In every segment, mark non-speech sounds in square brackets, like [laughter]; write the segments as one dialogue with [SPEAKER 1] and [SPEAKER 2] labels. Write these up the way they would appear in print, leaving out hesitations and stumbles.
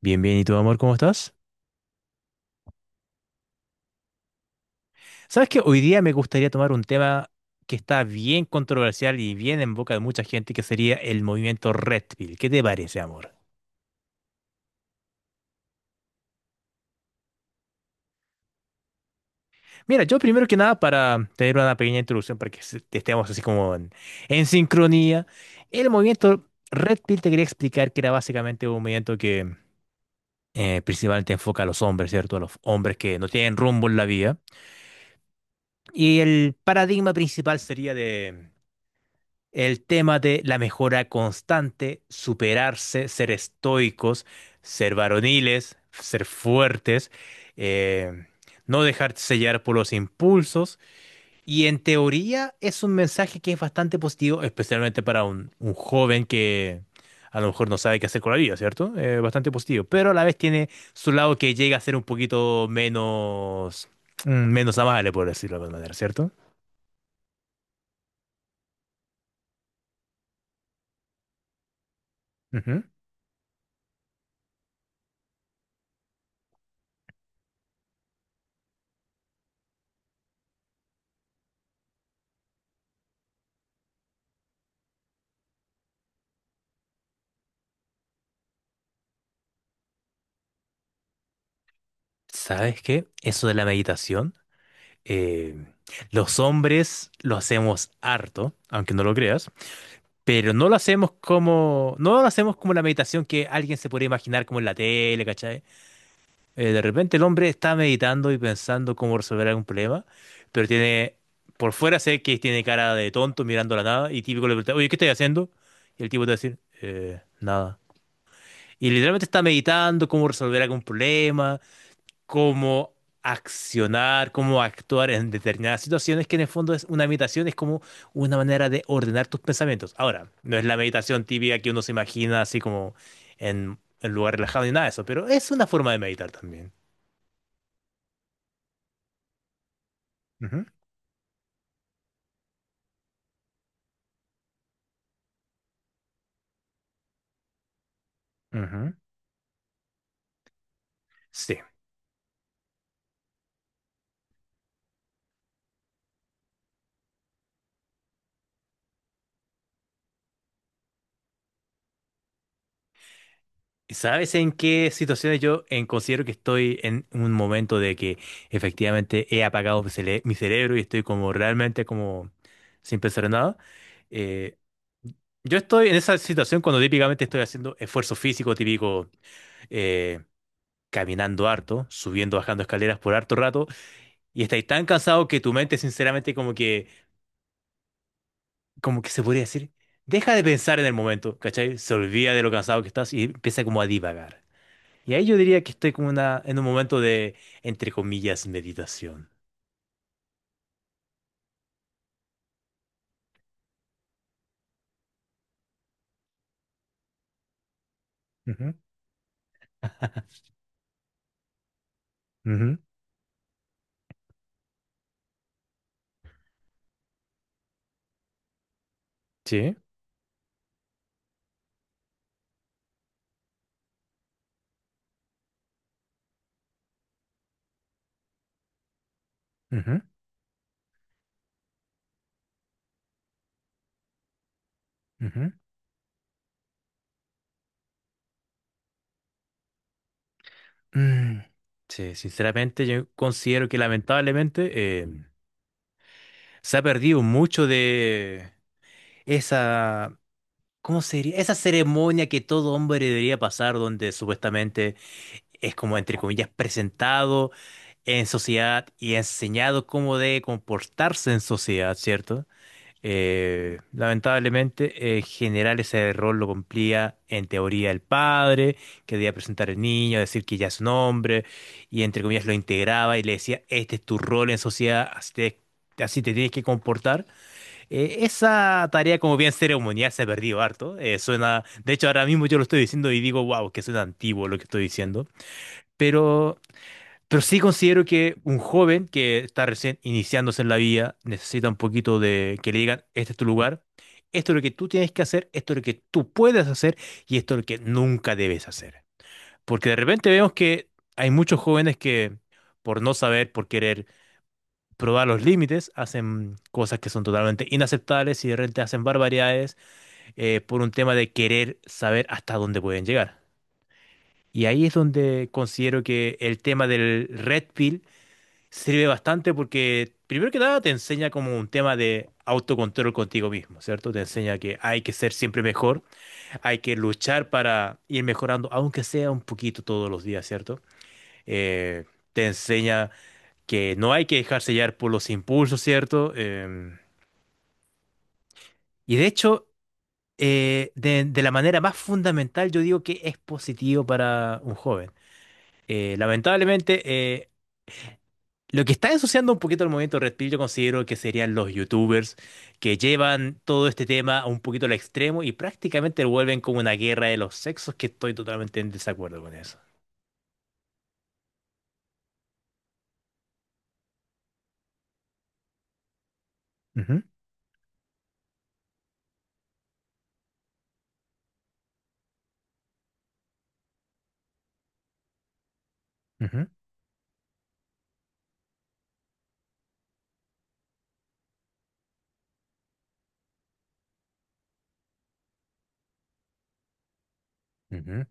[SPEAKER 1] Bien, bien. ¿Y tu amor, cómo estás? Sabes que hoy día me gustaría tomar un tema que está bien controversial y bien en boca de mucha gente, que sería el movimiento Red Pill. ¿Qué te parece, amor? Mira, yo primero que nada, para tener una pequeña introducción, para que estemos así como en sincronía, el movimiento Red Pill te quería explicar que era básicamente un movimiento que principalmente enfoca a los hombres, ¿cierto? A los hombres que no tienen rumbo en la vida. Y el paradigma principal sería de el tema de la mejora constante, superarse, ser estoicos, ser varoniles, ser fuertes, eh, no dejarse sellar por los impulsos. Y en teoría es un mensaje que es bastante positivo, especialmente para un joven que a lo mejor no sabe qué hacer con la vida, ¿cierto? Bastante positivo. Pero a la vez tiene su lado que llega a ser un poquito menos, menos amable, por decirlo de alguna manera, ¿cierto? Ujú. ¿Sabes qué? Eso de la meditación. eh, los hombres lo hacemos harto, aunque no lo creas, pero no lo hacemos como la meditación que alguien se puede imaginar como en la tele, ¿cachai? De repente el hombre está meditando y pensando cómo resolver algún problema, pero por fuera sé que tiene cara de tonto mirando a la nada y típico le pregunta, oye, ¿qué estás haciendo? Y el tipo te va a decir, nada." Y literalmente está meditando cómo resolver algún problema, cómo accionar, cómo actuar en determinadas situaciones, que en el fondo es una meditación, es como una manera de ordenar tus pensamientos. Ahora, no es la meditación típica que uno se imagina así como en un lugar relajado ni nada de eso, pero es una forma de meditar también. Ujú, ujú. Sí. ¿Sabes en qué situaciones yo considero que estoy en un momento de que efectivamente he apagado mi cerebro y estoy como realmente como sin pensar en nada? Eh, Yo estoy en esa situación cuando típicamente estoy haciendo esfuerzo físico, típico eh, caminando harto, subiendo, bajando escaleras por harto rato, y estáis tan cansado que tu mente, sinceramente, como que se podría decir, deja de pensar en el momento, ¿cachai? Se olvida de lo cansado que estás y empieza como a divagar. Y ahí yo diría que estoy en un momento de, entre comillas, meditación. Ujú. Ujú, sí. Ujú, ujú. Mm. Sí, sinceramente yo considero que lamentablemente, se ha perdido mucho de esa, ¿cómo sería? Esa ceremonia que todo hombre debería pasar, donde supuestamente es como, entre comillas, presentado en sociedad y enseñado cómo debe comportarse en sociedad, ¿cierto? Lamentablemente, en general ese rol lo cumplía en teoría el padre, que debía presentar al niño, decir que ya es un hombre, y entre comillas lo integraba y le decía, este es tu rol en sociedad, así te tienes que comportar. Esa tarea como bien ceremonial se ha perdido harto. Suena, de hecho, ahora mismo yo lo estoy diciendo y digo, wow, que suena antiguo lo que estoy diciendo. Pero, pero sí considero que un joven que está recién iniciándose en la vida necesita un poquito de que le digan, este es tu lugar, esto es lo que tú tienes que hacer, esto es lo que tú puedes hacer y esto es lo que nunca debes hacer. Porque de repente vemos que hay muchos jóvenes que por no saber, por querer probar los límites, hacen cosas que son totalmente inaceptables y de repente hacen barbaridades, por un tema de querer saber hasta dónde pueden llegar. Y ahí es donde considero que el tema del Red Pill sirve bastante porque primero que nada te enseña como un tema de autocontrol contigo mismo, ¿cierto? Te enseña que hay que ser siempre mejor, hay que luchar para ir mejorando, aunque sea un poquito todos los días, ¿cierto? Eh, Te enseña que no hay que dejarse llevar por los impulsos, ¿cierto? Y de hecho, de la manera más fundamental, yo digo que es positivo para un joven. Eh, lamentablemente, lo que está ensuciando un poquito el movimiento Red Pill, yo considero que serían los YouTubers que llevan todo este tema a un poquito al extremo y prácticamente lo vuelven como una guerra de los sexos, que estoy totalmente en desacuerdo con eso. Ujú, ujú, ujú.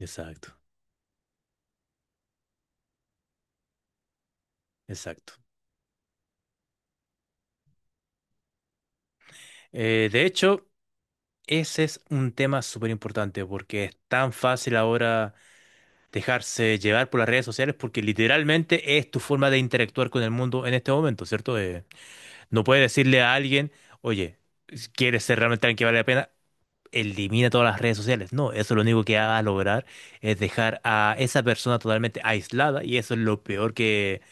[SPEAKER 1] Exacto, exacto. De hecho, ese es un tema súper importante porque es tan fácil ahora dejarse llevar por las redes sociales porque literalmente es tu forma de interactuar con el mundo en este momento, ¿cierto? No puedes decirle a alguien, oye, si ¿quieres ser realmente alguien que vale la pena? Elimina todas las redes sociales. No, eso lo único que va a lograr es dejar a esa persona totalmente aislada y eso es lo peor que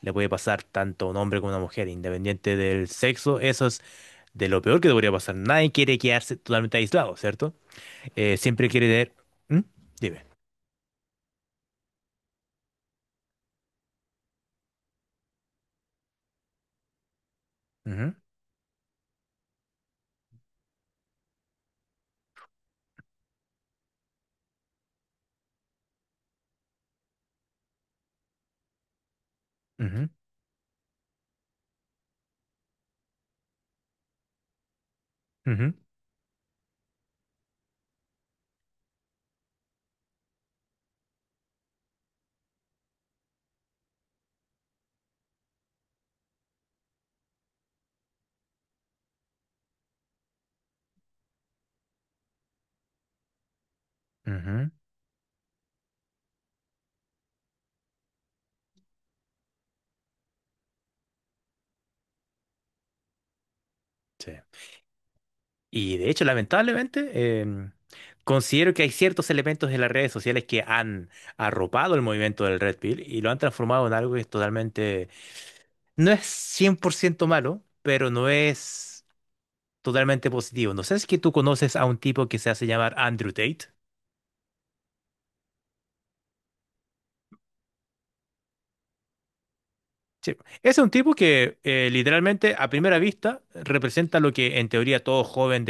[SPEAKER 1] le puede pasar tanto a un hombre como a una mujer, independiente del sexo. Eso es de lo peor que debería pasar. Nadie quiere quedarse totalmente aislado, ¿cierto? Siempre quiere tener... ¿Mm? Dime. Ujú, ujú, ujú. Ujú, sí. Y de hecho, lamentablemente, considero que hay ciertos elementos de las redes sociales que han arropado el movimiento del Red Pill y lo han transformado en algo que es totalmente, no es 100% malo, pero no es totalmente positivo. No sé si es que tú conoces a un tipo que se hace llamar Andrew Tate. Sí. Es un tipo que literalmente a primera vista representa lo que en teoría todo joven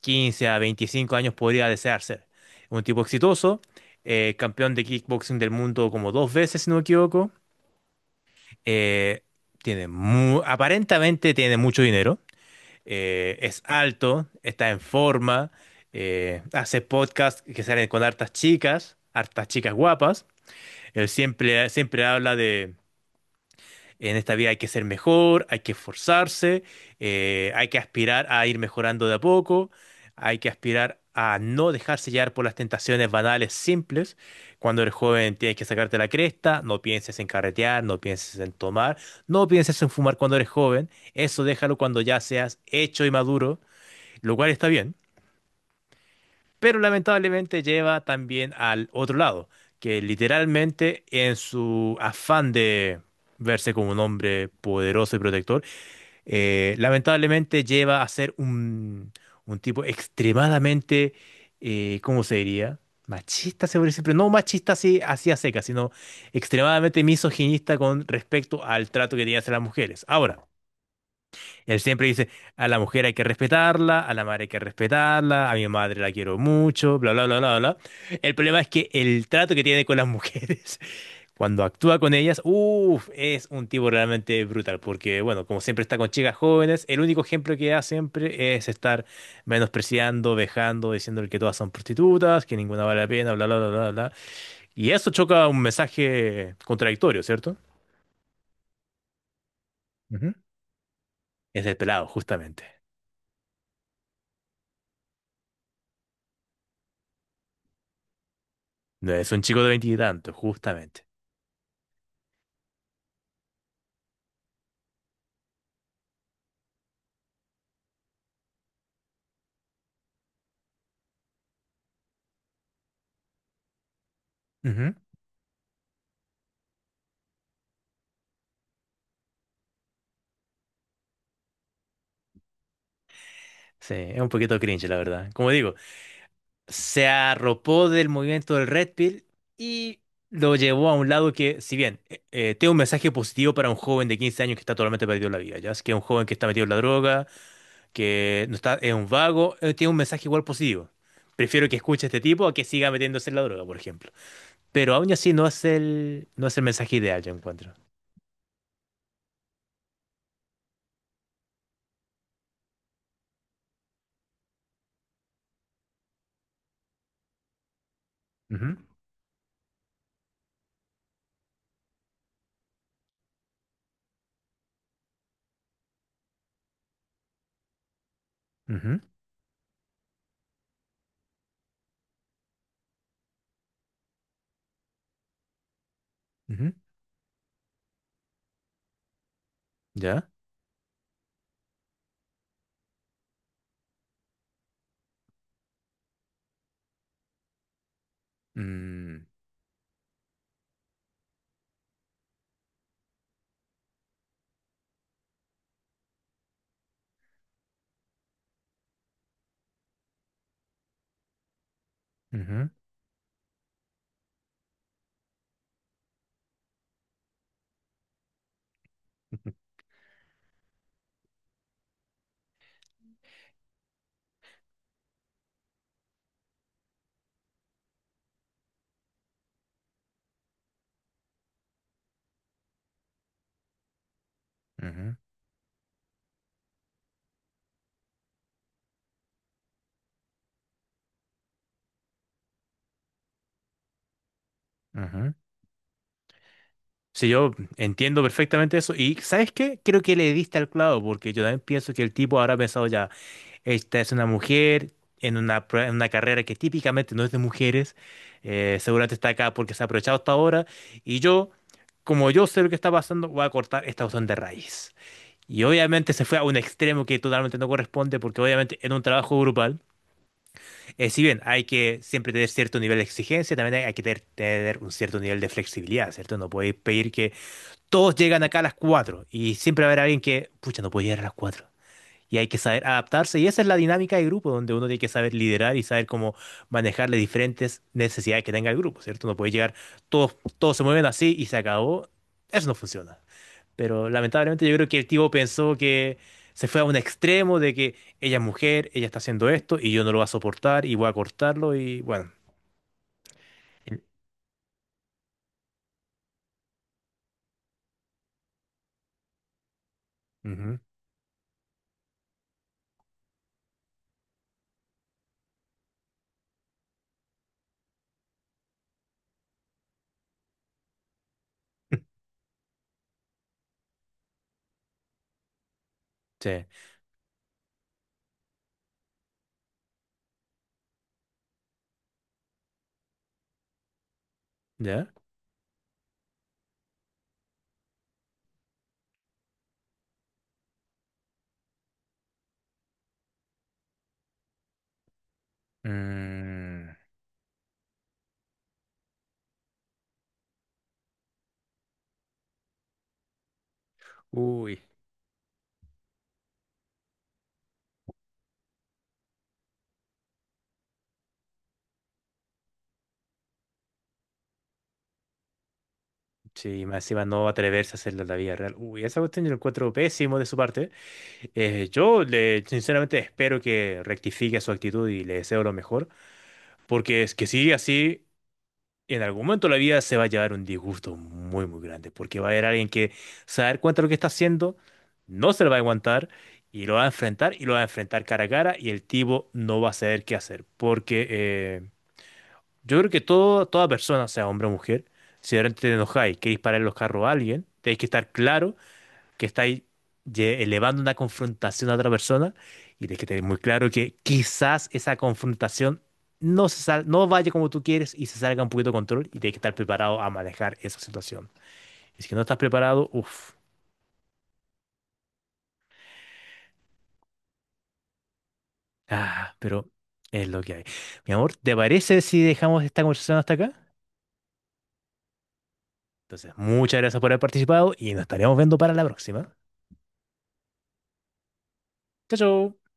[SPEAKER 1] 15 a 25 años podría desear ser. Un tipo exitoso, campeón de kickboxing del mundo como dos veces, si no me equivoco. Eh, aparentemente tiene mucho dinero. Es alto, está en forma, hace podcasts que salen con hartas chicas guapas. Él siempre habla de en esta vida hay que ser mejor, hay que esforzarse, hay que aspirar a ir mejorando de a poco, hay que aspirar a no dejarse llevar por las tentaciones banales simples. Cuando eres joven tienes que sacarte la cresta, no pienses en carretear, no pienses en tomar, no pienses en fumar cuando eres joven. Eso déjalo cuando ya seas hecho y maduro, lo cual está bien, pero lamentablemente lleva también al otro lado, que literalmente en su afán de verse como un hombre poderoso y protector, lamentablemente lleva a ser un tipo extremadamente, ¿cómo se diría? Machista, se podría decir, pero no machista así, así a seca, sino extremadamente misoginista con respecto al trato que tenía hacia las mujeres. Ahora, él siempre dice, a la mujer hay que respetarla, a la madre hay que respetarla, a mi madre la quiero mucho, bla, bla, bla, bla, bla. El problema es que el trato que tiene con las mujeres, [laughs] cuando actúa con ellas, uff, es un tipo realmente brutal, porque bueno, como siempre está con chicas jóvenes, el único ejemplo que da siempre es estar menospreciando, vejando, diciéndole que todas son prostitutas, que ninguna vale la pena, bla, bla, bla, bla, bla. Y eso choca un mensaje contradictorio, ¿cierto? Ujú. Es el pelado, justamente. No es un chico de veintitantos, justamente. Ujú. Sí, es un poquito cringe, la verdad. Como digo, se arropó del movimiento del Red Pill y lo llevó a un lado que, si bien tiene un mensaje positivo para un joven de 15 años que está totalmente perdido en la vida, ya es que es un joven que está metido en la droga, que no está, es un vago, tiene un mensaje igual positivo. Prefiero que escuche a este tipo a que siga metiéndose en la droga, por ejemplo. Pero aún así no es el mensaje ideal, yo encuentro. Ujú, ujú, ujú. ¿Ya? Mm, ujú, ujú, ujú, ujú. Sí, yo entiendo perfectamente eso. Y ¿sabes qué? Creo que le diste al clavo, porque yo también pienso que el tipo habrá pensado ya, esta es una mujer en en una carrera que típicamente no es de mujeres, seguramente está acá porque se ha aprovechado hasta ahora, y yo, como yo sé lo que está pasando, voy a cortar esta cuestión de raíz. Y obviamente se fue a un extremo que totalmente no corresponde, porque obviamente en un trabajo grupal, si bien hay que siempre tener cierto nivel de exigencia, también hay que tener un cierto nivel de flexibilidad, ¿cierto? No podéis pedir que todos llegan acá a las 4 y siempre va a haber alguien que, pucha, no puede llegar a las 4. Y hay que saber adaptarse y esa es la dinámica de grupo donde uno tiene que saber liderar y saber cómo manejar las diferentes necesidades que tenga el grupo, ¿cierto? No puede llegar, todos se mueven así y se acabó. Eso no funciona. Pero lamentablemente yo creo que el tipo pensó que se fue a un extremo de que ella es mujer, ella está haciendo esto y yo no lo voy a soportar y voy a cortarlo y bueno. Ujú. [laughs] Sí. ¿Ya? Mm. Uy. Sí, más encima no atreverse a hacerlo en la vida real. Uy, esa cuestión yo la encuentro pésimo de su parte. Yo sinceramente espero que rectifique su actitud y le deseo lo mejor, porque es que si sigue así, en algún momento de la vida se va a llevar un disgusto muy, muy grande, porque va a haber alguien que se va a dar cuenta de lo que está haciendo, no se lo va a aguantar y lo va a enfrentar y lo va a enfrentar cara a cara y el tipo no va a saber qué hacer, porque yo creo que toda persona, sea hombre o mujer, si de repente te enojáis que disparar los carros a alguien, tenéis que estar claro que estáis elevando una confrontación a otra persona y tenéis que tener muy claro que quizás esa confrontación no vaya como tú quieres y se salga un poquito de control y tenéis que estar preparado a manejar esa situación. Y si no estás preparado, uff, ah, pero es lo que hay. Mi amor, ¿te parece si dejamos esta conversación hasta acá? Entonces, muchas gracias por haber participado y nos estaremos viendo para la próxima. Chao, chao.